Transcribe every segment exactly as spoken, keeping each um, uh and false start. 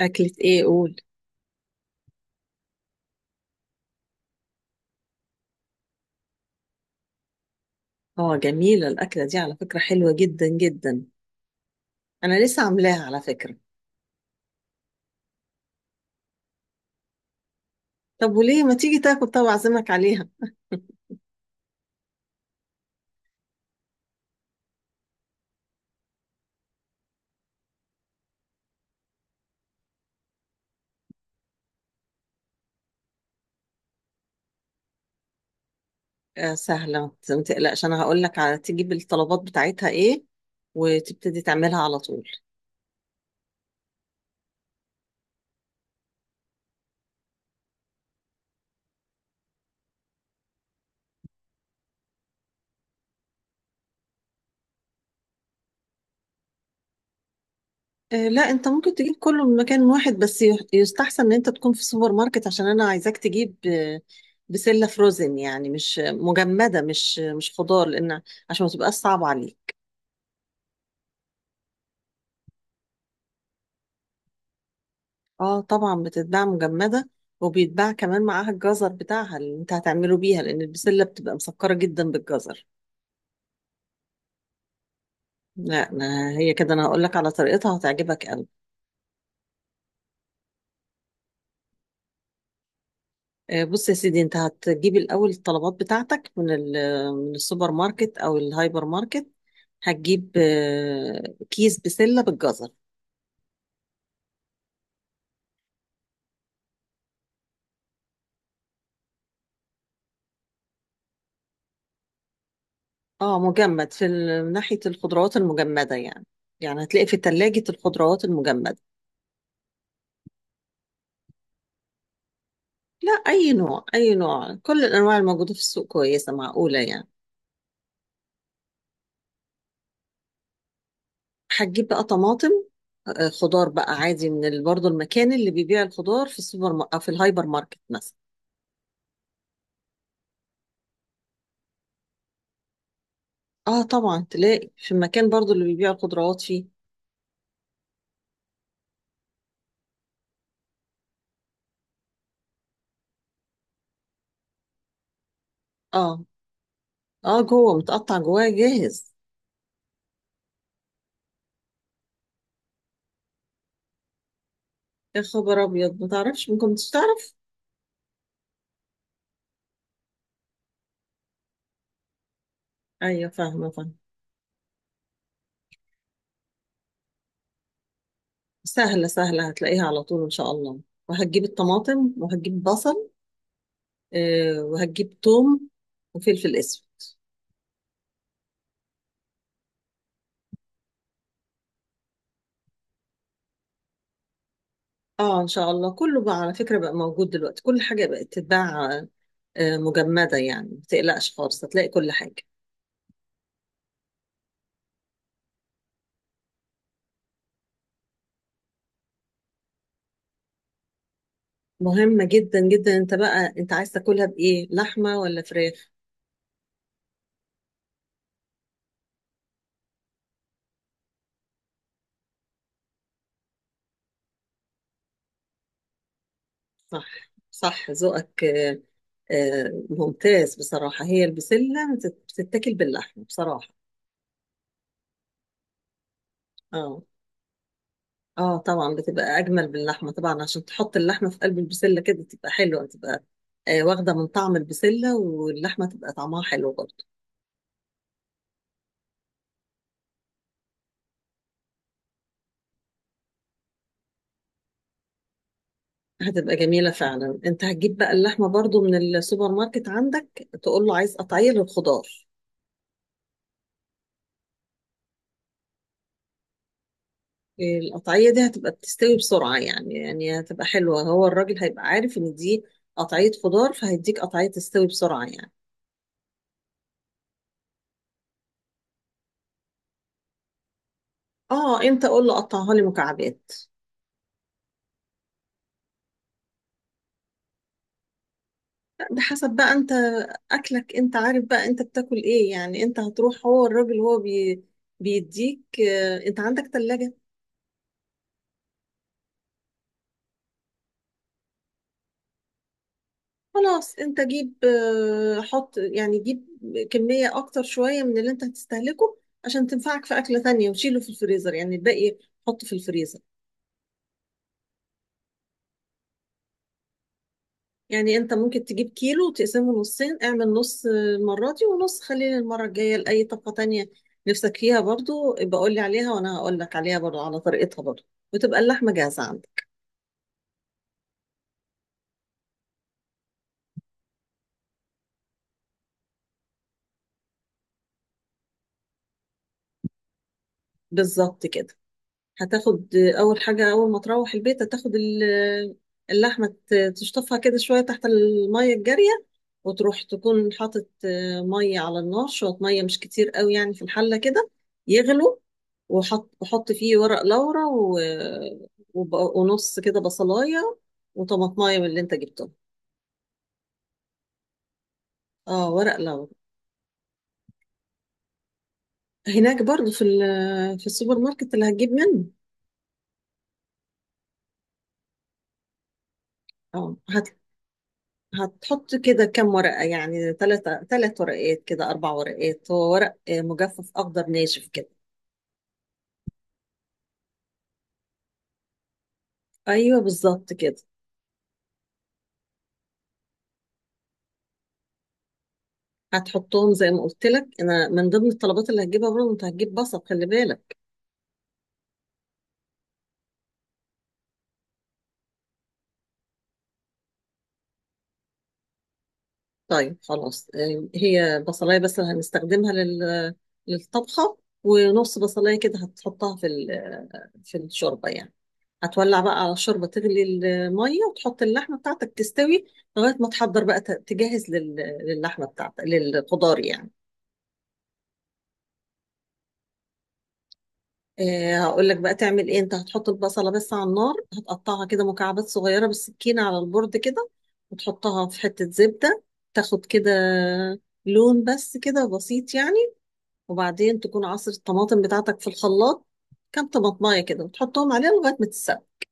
أكلة إيه قول؟ آه جميلة الأكلة دي على فكرة، حلوة جدا جدا. أنا لسه عاملاها على فكرة. طب وليه ما تيجي تاكل؟ طب أعزمك عليها. آه سهلة، ما ت- ما تقلقش، أنا هقول لك على تجيب الطلبات بتاعتها إيه وتبتدي تعملها على طول. آه لا، أنت ممكن تجيب كله من مكان واحد بس يح- يستحسن إن أنت تكون في سوبر ماركت عشان أنا عايزاك تجيب آه، بسلة فروزن، يعني مش مجمدة، مش مش خضار، لأن عشان ما تبقاش صعبة عليك. اه طبعا بتتباع مجمدة، وبيتباع كمان معاها الجزر بتاعها اللي انت هتعمله بيها، لان البسلة بتبقى مسكرة جدا بالجزر. لا أنا هي كده، انا هقول لك على طريقتها، هتعجبك قوي. آه، بص يا سيدي، انت هتجيب الاول الطلبات بتاعتك من ال- من السوبر ماركت او الهايبر ماركت. هتجيب آه، كيس بسلة بالجزر. اه مجمد، في ال- من ناحية الخضروات المجمدة يعني، يعني هتلاقي في تلاجة الخضروات المجمدة. لا، أي نوع أي نوع، كل الأنواع الموجودة في السوق كويسة معقولة يعني. هتجيب بقى طماطم، آه، خضار بقى عادي من ال- برضه، المكان اللي بيبيع الخضار في السوبر م... أو في الهايبر ماركت مثلا. اه طبعا تلاقي في المكان برضه اللي بيبيع الخضروات فيه. اه اه، جوه متقطع، جواه جاهز. يا خبر أبيض، ما تعرفش، ممكن مش تعرف. أيوة فاهمة فاهمة. سهلة سهلة، هتلاقيها على طول إن شاء الله، وهتجيب الطماطم وهتجيب بصل، آه، وهتجيب توم وفلفل أسود. اه ان شاء الله كله بقى على فكرة بقى موجود دلوقتي، كل حاجة بقت تتباع آه، مجمدة يعني، ما تقلقش خالص، هتلاقي كل حاجة. مهمة جدا جدا، انت بقى انت عايز تاكلها بايه، لحمة ولا فراخ؟ صح صح، ذوقك آه، آه، ممتاز بصراحة، هي البسلة بتت- بتتاكل باللحمة بصراحة. اه اه طبعا، بتبقى اجمل باللحمة طبعا، عشان تحط اللحمة في قلب البسلة كده تبقى حلوة، تبقى آه، واخدة من طعم البسلة، واللحمة تبقى طعمها حلو برضه. هتبقى جميلة فعلا. انت هتجيب بقى اللحمة برضو من السوبر ماركت عندك، تقول له عايز قطعية للخضار. القطعية دي هتبقى بتستوي بسرعة يعني يعني هتبقى حلوة، هو الراجل هيبقى عارف ان دي قطعية خضار، فهيديك قطعية تستوي بسرعة يعني. اه انت قول له قطعها لي مكعبات. لا، بحسب بقى انت اكلك، انت عارف بقى انت بتاكل ايه يعني، انت هتروح، هو الراجل هو بي بيديك، آه، انت عندك تلاجة. خلاص انت جيب آه، حط يعني جيب كمية اكتر شوية من اللي انت هتستهلكه، عشان تنفعك في اكلة تانية، وشيله في الفريزر يعني الباقي، حطه في الفريزر. يعني انت ممكن تجيب كيلو وتقسمه نصين، اعمل نص آه، المرة دي، ونص خليه للمرة الجاية لأي طبقة تانية نفسك فيها برضو، يبقى قول لي عليها وانا هقول لك عليها برضو، على طريقتها برضو، وتبقى اللحمة جاهزة عندك. بالظبط كده. هتاخد أول حاجة، أول ما تروح البيت هتاخد ال- اللحمة، ت- تشطفها كده شوية تحت المية الجارية، وتروح تكون حاطط آه، مية على النار، شوية مية مش كتير قوي يعني في الحلة كده، يغلوا، وحط وحط فيه ورق لورا و... وب... ونص كده بصلاية وطماطماية من اللي انت جبته. اه ورق لورا. هناك برضو في ال... في السوبر ماركت اللي هتجيب منه. اه هتحط كده كام ورقة يعني، ثلاثة ثلاث ورقات كده، أربع ورقات، هو ورق آه، مجفف أخضر ناشف كده. أيوه بالظبط كده. هتحطهم زي ما قلت لك أنا، من ضمن الطلبات اللي هتجيبها برضه أنت هتجيب بصل، خلي بالك. طيب خلاص، آه، هي بصلاية بس اللي هنستخدمها لل... للطبخة، ونص بصلاية كده هتحطها في ال... في الشوربة يعني. هتولع بقى على الشوربة، تغلي المية وتحط اللحمة بتاعتك تستوي، لغاية ما تحضر بقى ت- تجهز لل... للحمة بتاعتك، للخضار يعني. آه، هقول لك بقى تعمل ايه. انت هتحط البصله بس على النار، هتقطعها كده مكعبات صغيره بالسكينه على البورد كده، وتحطها في حته زبده، تاخد كده لون بس كده بسيط يعني، وبعدين تكون عصر الطماطم بتاعتك في الخلاط، كام طماطمايه كده، وتحطهم عليها لغايه ما تتسبك.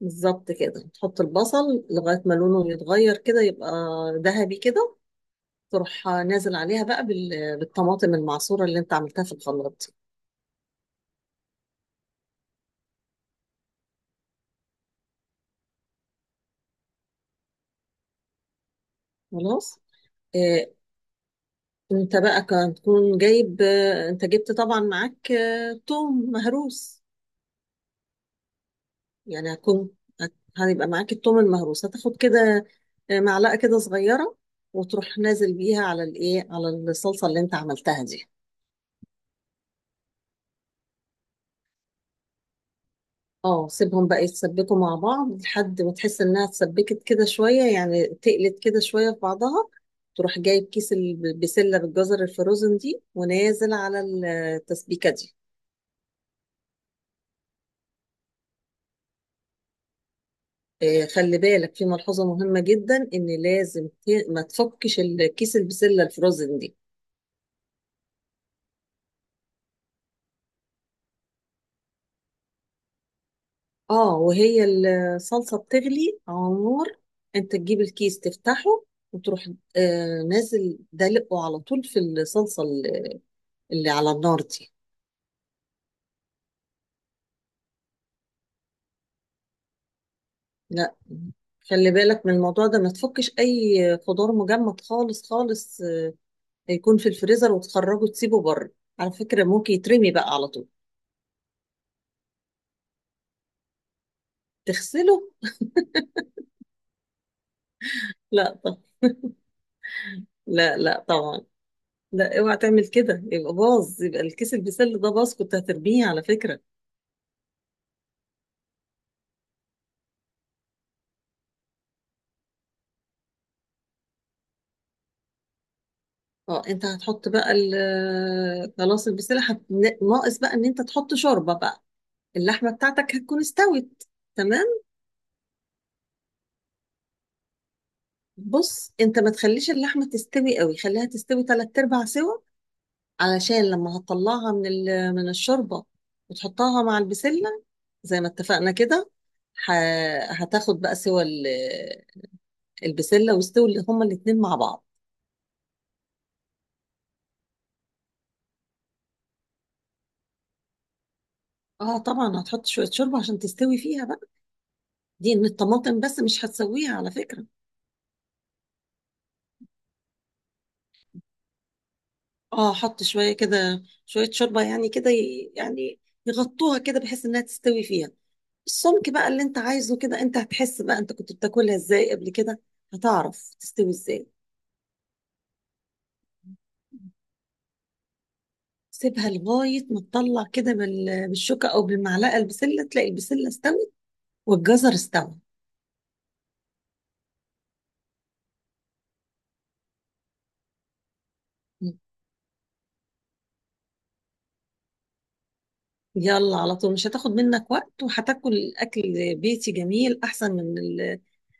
بالظبط كده، تحط البصل لغايه ما لونه يتغير كده، يبقى ذهبي كده، تروح نازل عليها بقى بال- بالطماطم المعصوره اللي انت عملتها في الخلاط دي. خلاص، آه، انت بقى كان تكون جايب، انت جبت طبعا معاك آه، توم مهروس، يعني هتكون، هت- هيبقى معاك التوم المهروس، هتاخد كده آه، معلقة كده صغيرة، وتروح نازل بيها على الايه على الصلصة اللي انت عملتها دي. اه سيبهم بقى يتسبكوا مع بعض لحد ما تحس انها اتسبكت كده شوية يعني، تقلت كده شوية في بعضها، تروح جايب كيس البسلة بالجزر الفروزن دي ونازل على التسبيكة دي. آه، خلي بالك في ملحوظة مهمة جدا، إن لازم ت- ما تفكش الكيس البسلة الفروزن دي. اه، وهي الصلصة بتغلي على النار، انت تجيب الكيس تفتحه، وتروح آه نازل دلقه على طول في الصلصة اللي اللي على النار دي. لا، خلي بالك من الموضوع ده، ما تفكش أي خضار مجمد خالص خالص آه، يكون في الفريزر وتخرجه تسيبه بره، على فكرة ممكن يترمي بقى على طول. تغسله؟ لا طب، لا لا طبعا، لا اوعى تعمل كده يبقى باظ، يبقى الكيس البسله ده باظ، كنت هترميه على فكره. اه انت هتحط بقى ال- آه، خلاص البسله هت... ناقص بقى ان انت تحط شوربه بقى، اللحمه بتاعتك هتكون استوت. تمام. بص، انت ما تخليش اللحمه تستوي قوي، خليها تستوي تلات ارباع سوا، علشان لما هتطلعها من ال... من الشوربه وتحطها مع البسله زي ما اتفقنا كده، ه... هتاخد بقى سوا ال- البسله، واستوي هما الاتنين مع بعض. اه طبعا هتحط شويه شوربه عشان تستوي فيها بقى، دي من الطماطم بس مش هتسويها على فكره. اه حط شويه كده شويه شوربه يعني كده ي- يعني يغطوها كده بحيث انها تستوي فيها السمك بقى اللي انت عايزه كده، انت هتحس بقى انت كنت بتاكلها ازاي قبل كده، هتعرف تستوي ازاي. سيبها لغايه ما تطلع كده بال- بالشوكه او بالمعلقه البسله، تلاقي البسله استوت والجزر استوى. يلا على طول، مش هتاخد منك وقت، وهتاكل اكل بيتي جميل احسن من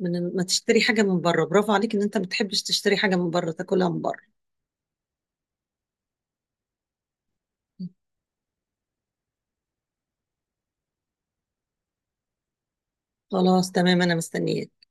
من ما تشتري حاجة من بره، برافو عليك ان انت ما بتحبش تشتري حاجة من بره تاكلها من بره. خلاص تمام انا مستنياك.